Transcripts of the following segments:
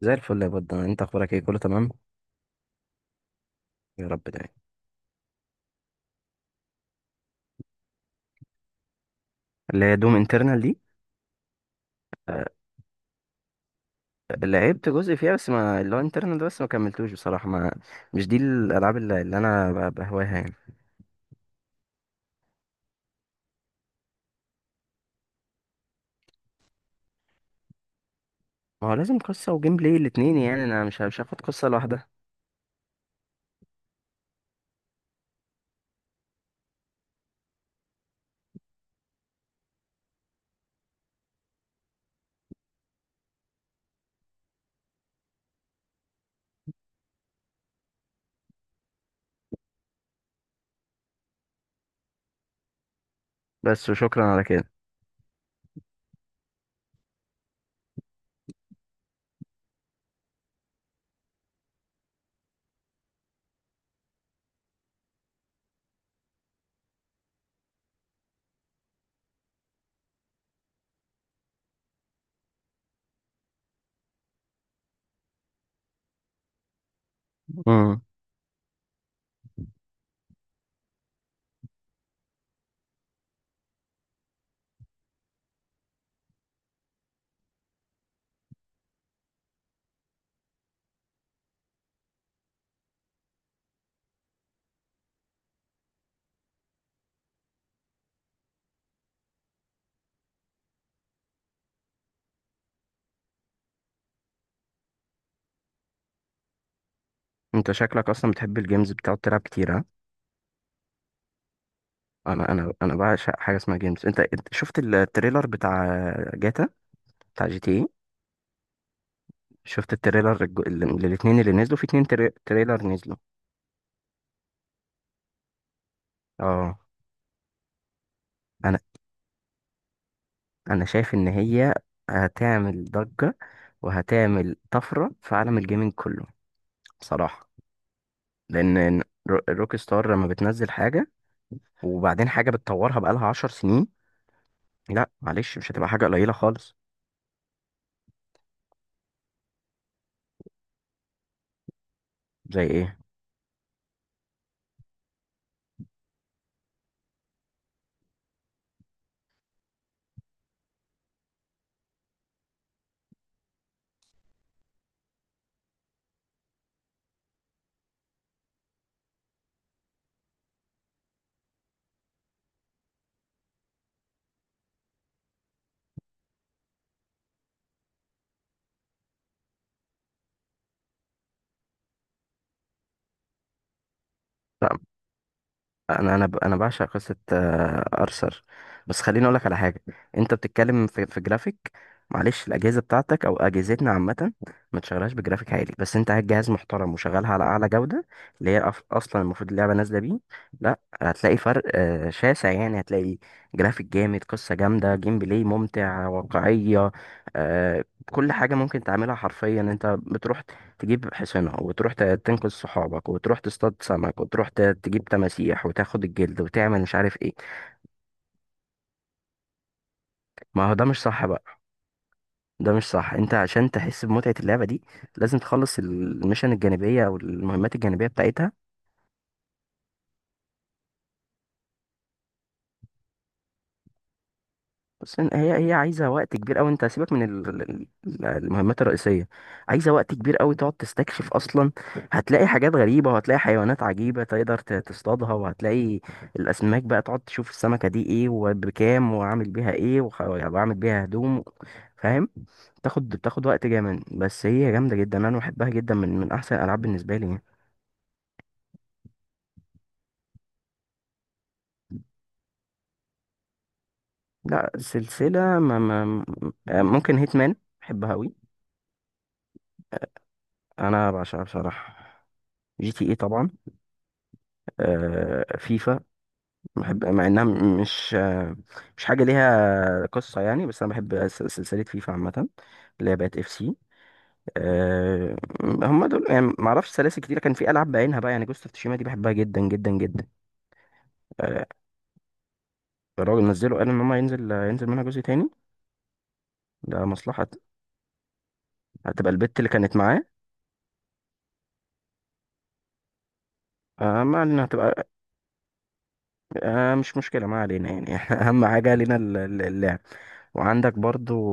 زي الفل يا بود، انت اخبارك ايه؟ كله تمام. يا رب دايما. اللي هي دوم انترنال دي؟ آه. لعبت جزء فيها، بس ما اللي هو انترنال ده، بس ما كملتوش بصراحه. ما مش دي الالعاب اللي انا بهواها يعني. ما هو لازم قصه وجيم بلاي الاتنين، يعني انا مش هاخد قصه لوحدها. بس وشكرا على كده. امم انت شكلك اصلا بتحب الجيمز، بتقعد تلعب كتير، ها؟ انا بعشق حاجه اسمها جيمز. انت شفت التريلر بتاع جاتا، بتاع جي تي اي؟ شفت التريلر الاتنين اللي نزلوا، في اتنين تريلر نزلوا. اه. انا انا شايف ان هي هتعمل ضجة وهتعمل طفرة في عالم الجيمنج كله بصراحة. لان روك ستار لما بتنزل حاجة، وبعدين حاجة بتطورها بقالها 10 سنين، لا معلش، مش هتبقى حاجة قليلة خالص. زي ايه؟ لا انا بعشق قصه ارثر. بس خليني اقول لك على حاجه. انت بتتكلم في جرافيك؟ معلش، الاجهزه بتاعتك او اجهزتنا عامه ما تشغلهاش بجرافيك عالي، بس انت هات جهاز محترم وشغلها على اعلى جوده، اللي هي اصلا المفروض اللعبه نازله بيه. لا هتلاقي فرق شاسع، يعني هتلاقي جرافيك جامد، قصه جامده، جيم بلاي ممتع، واقعيه. آه، كل حاجه ممكن تعملها حرفيا. انت بتروح تجيب حصانة وتروح تنقذ صحابك، وتروح تصطاد سمك، وتروح تجيب تماسيح وتاخد الجلد وتعمل مش عارف ايه. ما هو ده مش صح بقى. ده مش صح. انت عشان تحس بمتعة اللعبة دي، لازم تخلص الميشن الجانبية او المهمات الجانبية بتاعتها. بس هي عايزه وقت كبير قوي، انت سيبك من المهمات الرئيسيه، عايزه وقت كبير قوي تقعد تستكشف اصلا. هتلاقي حاجات غريبه، وهتلاقي حيوانات عجيبه تقدر تصطادها، وهتلاقي الاسماك بقى، تقعد تشوف السمكه دي ايه وبكام وعامل بيها ايه، وعامل بيها هدوم، فاهم؟ بتاخد وقت جامد، بس هي جامده جدا. انا بحبها جدا، من احسن الالعاب بالنسبه لي يعني. لا سلسله، ما ممكن هيتمان، بحبها قوي، انا بعشقها بصراحه. جي تي ايه طبعا. فيفا بحب، مع انها مش مش حاجه ليها قصه يعني، بس انا بحب سلسله فيفا عامه، اللي هي بقت اف سي. آه، هم دول يعني. ما اعرفش سلاسل كتير، كان في العاب بعينها بقى، يعني جوست اوف تشيما دي بحبها جدا جدا جدا. آه، الراجل نزله، قال ان هم ينزل منها جزء تاني. ده مصلحه. هتبقى البت اللي كانت معاه. ما علينا، هتبقى. مش مشكله، ما علينا يعني اهم حاجه لينا اللعب. وعندك برضو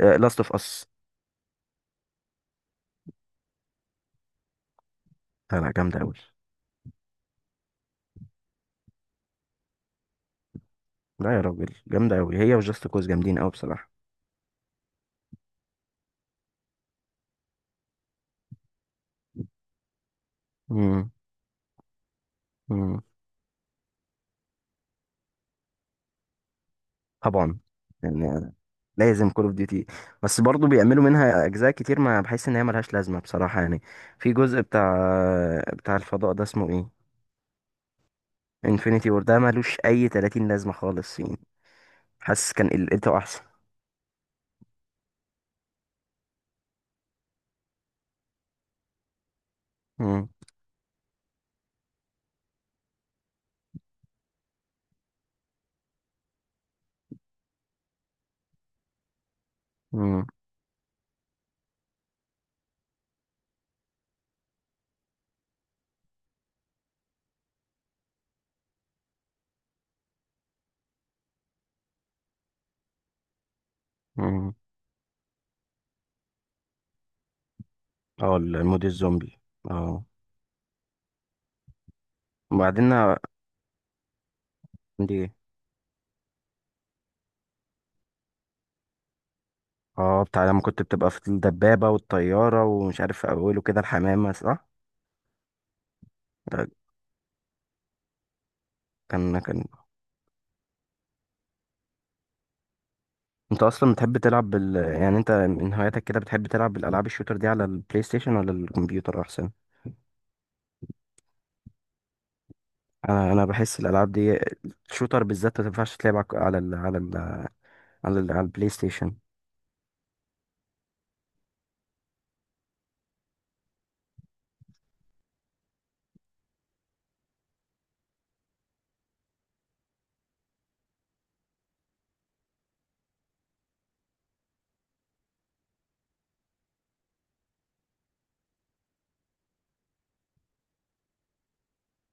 لاست اوف اس. لا جامده قوي. لا يا راجل، جامدة أوي، هي وجاست كوز جامدين أوي بصراحة. امم امم طبعا، يعني لازم كول اوف ديوتي، بس برضو بيعملوا منها أجزاء كتير، ما بحس إن هي ملهاش لازمة بصراحة يعني. في جزء بتاع، بتاع الفضاء ده، اسمه إيه؟ انفينيتي وور، ده ملوش أي 30 لازمة خالص يعني. حاسس كان قلته أحسن. امم امم اه، المود الزومبي، اه. وبعدين عندي ايه؟ اه، بتاع لما كنت بتبقى في الدبابة والطيارة ومش عارف، في أوله كده الحمامة، صح؟ ده كان. انت اصلا بتحب تلعب بال، يعني انت من هواياتك كده بتحب تلعب بالالعاب الشوتر دي، على البلاي ستيشن ولا الكمبيوتر احسن؟ انا بحس الالعاب دي الشوتر بالذات، ما تنفعش تلعب على ال... على ال... على, ال... على البلاي ستيشن.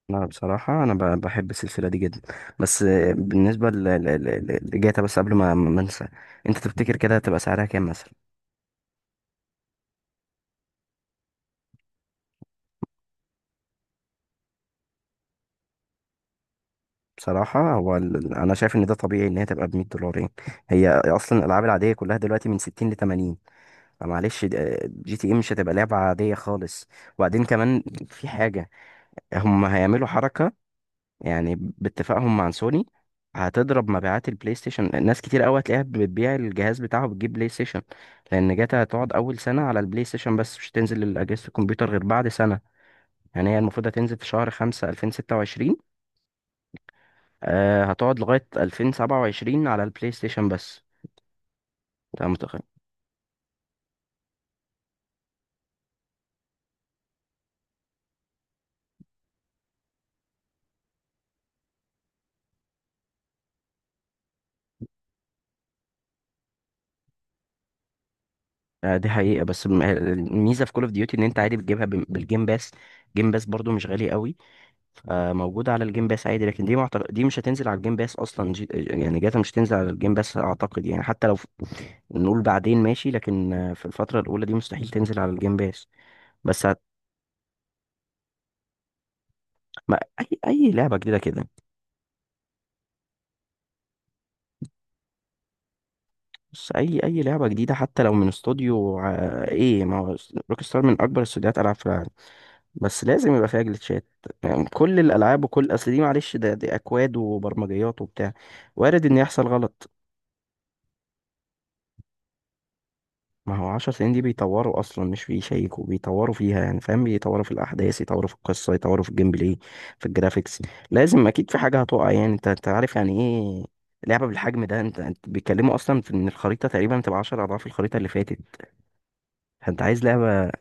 انا بصراحه، انا بحب السلسله دي جدا، بس بالنسبه لجاتا. بس قبل ما انسى، انت تفتكر كده هتبقى سعرها كام مثلا؟ بصراحة هو ال... أنا شايف إن ده طبيعي إن هي تبقى بـ 100 دولار يعني. هي أصلا الألعاب العادية كلها دلوقتي من 60 لـ 80. معلش، جي تي ايه مش هتبقى لعبة عادية خالص. وبعدين كمان، في حاجة هم هيعملوا حركة يعني باتفاقهم مع سوني، هتضرب مبيعات البلاي ستيشن. ناس كتير قوي هتلاقيها بتبيع الجهاز بتاعه، بتجيب بلاي ستيشن، لان جاتا هتقعد اول سنة على البلاي ستيشن بس، مش هتنزل لأجهزة الكمبيوتر غير بعد سنة. يعني هي المفروض هتنزل في شهر 5 2026، هتقعد لغاية 2027 على البلاي ستيشن بس. انت متخيل؟ دي حقيقة، بس الميزة في كول اوف ديوتي ان انت عادي بتجيبها بالجيم باس، جيم باس برضو مش غالي قوي، فموجودة على الجيم باس عادي. لكن دي دي مش هتنزل على الجيم باس اصلا. يعني جاتا مش هتنزل على الجيم باس اعتقد، يعني حتى لو نقول بعدين ماشي، لكن في الفترة الاولى دي مستحيل تنزل على الجيم باس. بس هت... ما... اي لعبة جديدة كده، بس اي لعبة جديدة حتى لو من استوديو ايه، ما هو روك ستار من اكبر استوديوهات العاب في العالم، بس لازم يبقى فيها جليتشات. يعني كل الالعاب وكل اصل دي، معلش ده دي اكواد وبرمجيات وبتاع، وارد ان يحصل غلط. ما هو 10 سنين دي بيطوروا اصلا، مش بيشيكوا، بيطوروا فيها، يعني فاهم، بيطوروا في الاحداث، يطوروا في القصه، يطوروا في الجيم بلاي، في الجرافيكس. لازم اكيد في حاجه هتقع. يعني انت عارف يعني ايه لعبه بالحجم ده. انت بيتكلموا اصلا في ان الخريطه تقريبا تبقى 10 اضعاف الخريطه اللي فاتت. فانت عايز لعبه.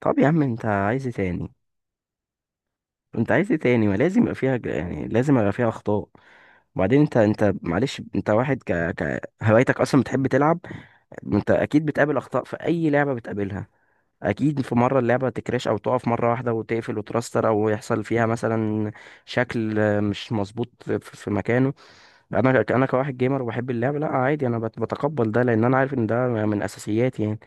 طب يا عم، انت عايز ايه تاني؟ انت عايز ايه تاني؟ ما لازم يبقى فيها يعني لازم يبقى فيها اخطاء. وبعدين انت معلش، انت واحد ك هوايتك اصلا بتحب تلعب. انت اكيد بتقابل اخطاء في اي لعبه بتقابلها. اكيد في مره اللعبه تكراش او تقف مره واحده وتقفل وترستر، او يحصل فيها مثلا شكل مش مظبوط في مكانه. انا كواحد جيمر وبحب اللعبه، لا عادي. انا بتقبل ده، لان انا عارف ان ده من اساسياتي يعني.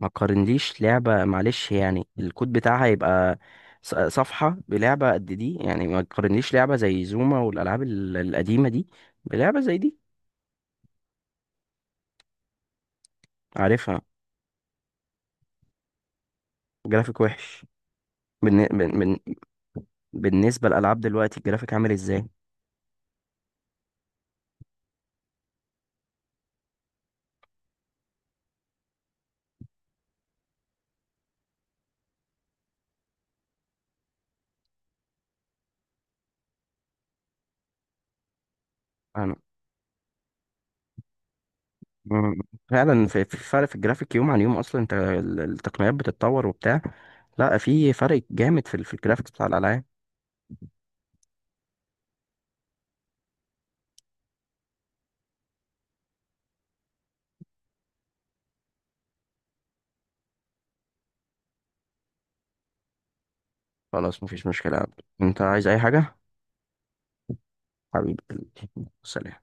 ما قارنليش لعبة معلش، يعني الكود بتاعها يبقى صفحة بلعبة قد دي يعني، ما تقارنليش لعبة زي زوما والألعاب القديمة دي بلعبة زي دي. عارفها. جرافيك وحش. بالن... بن... بن... بالنسبة للألعاب دلوقتي الجرافيك عامل ازاي؟ أنا، مم. فعلا في فرق في الجرافيك يوم عن يوم، أصلا انت التقنيات بتتطور وبتاع. لا في فرق جامد في في الجرافيكس بتاع الألعاب. خلاص، مفيش مشكلة يا عبد، انت عايز اي حاجة؟ حبيبي. سلام.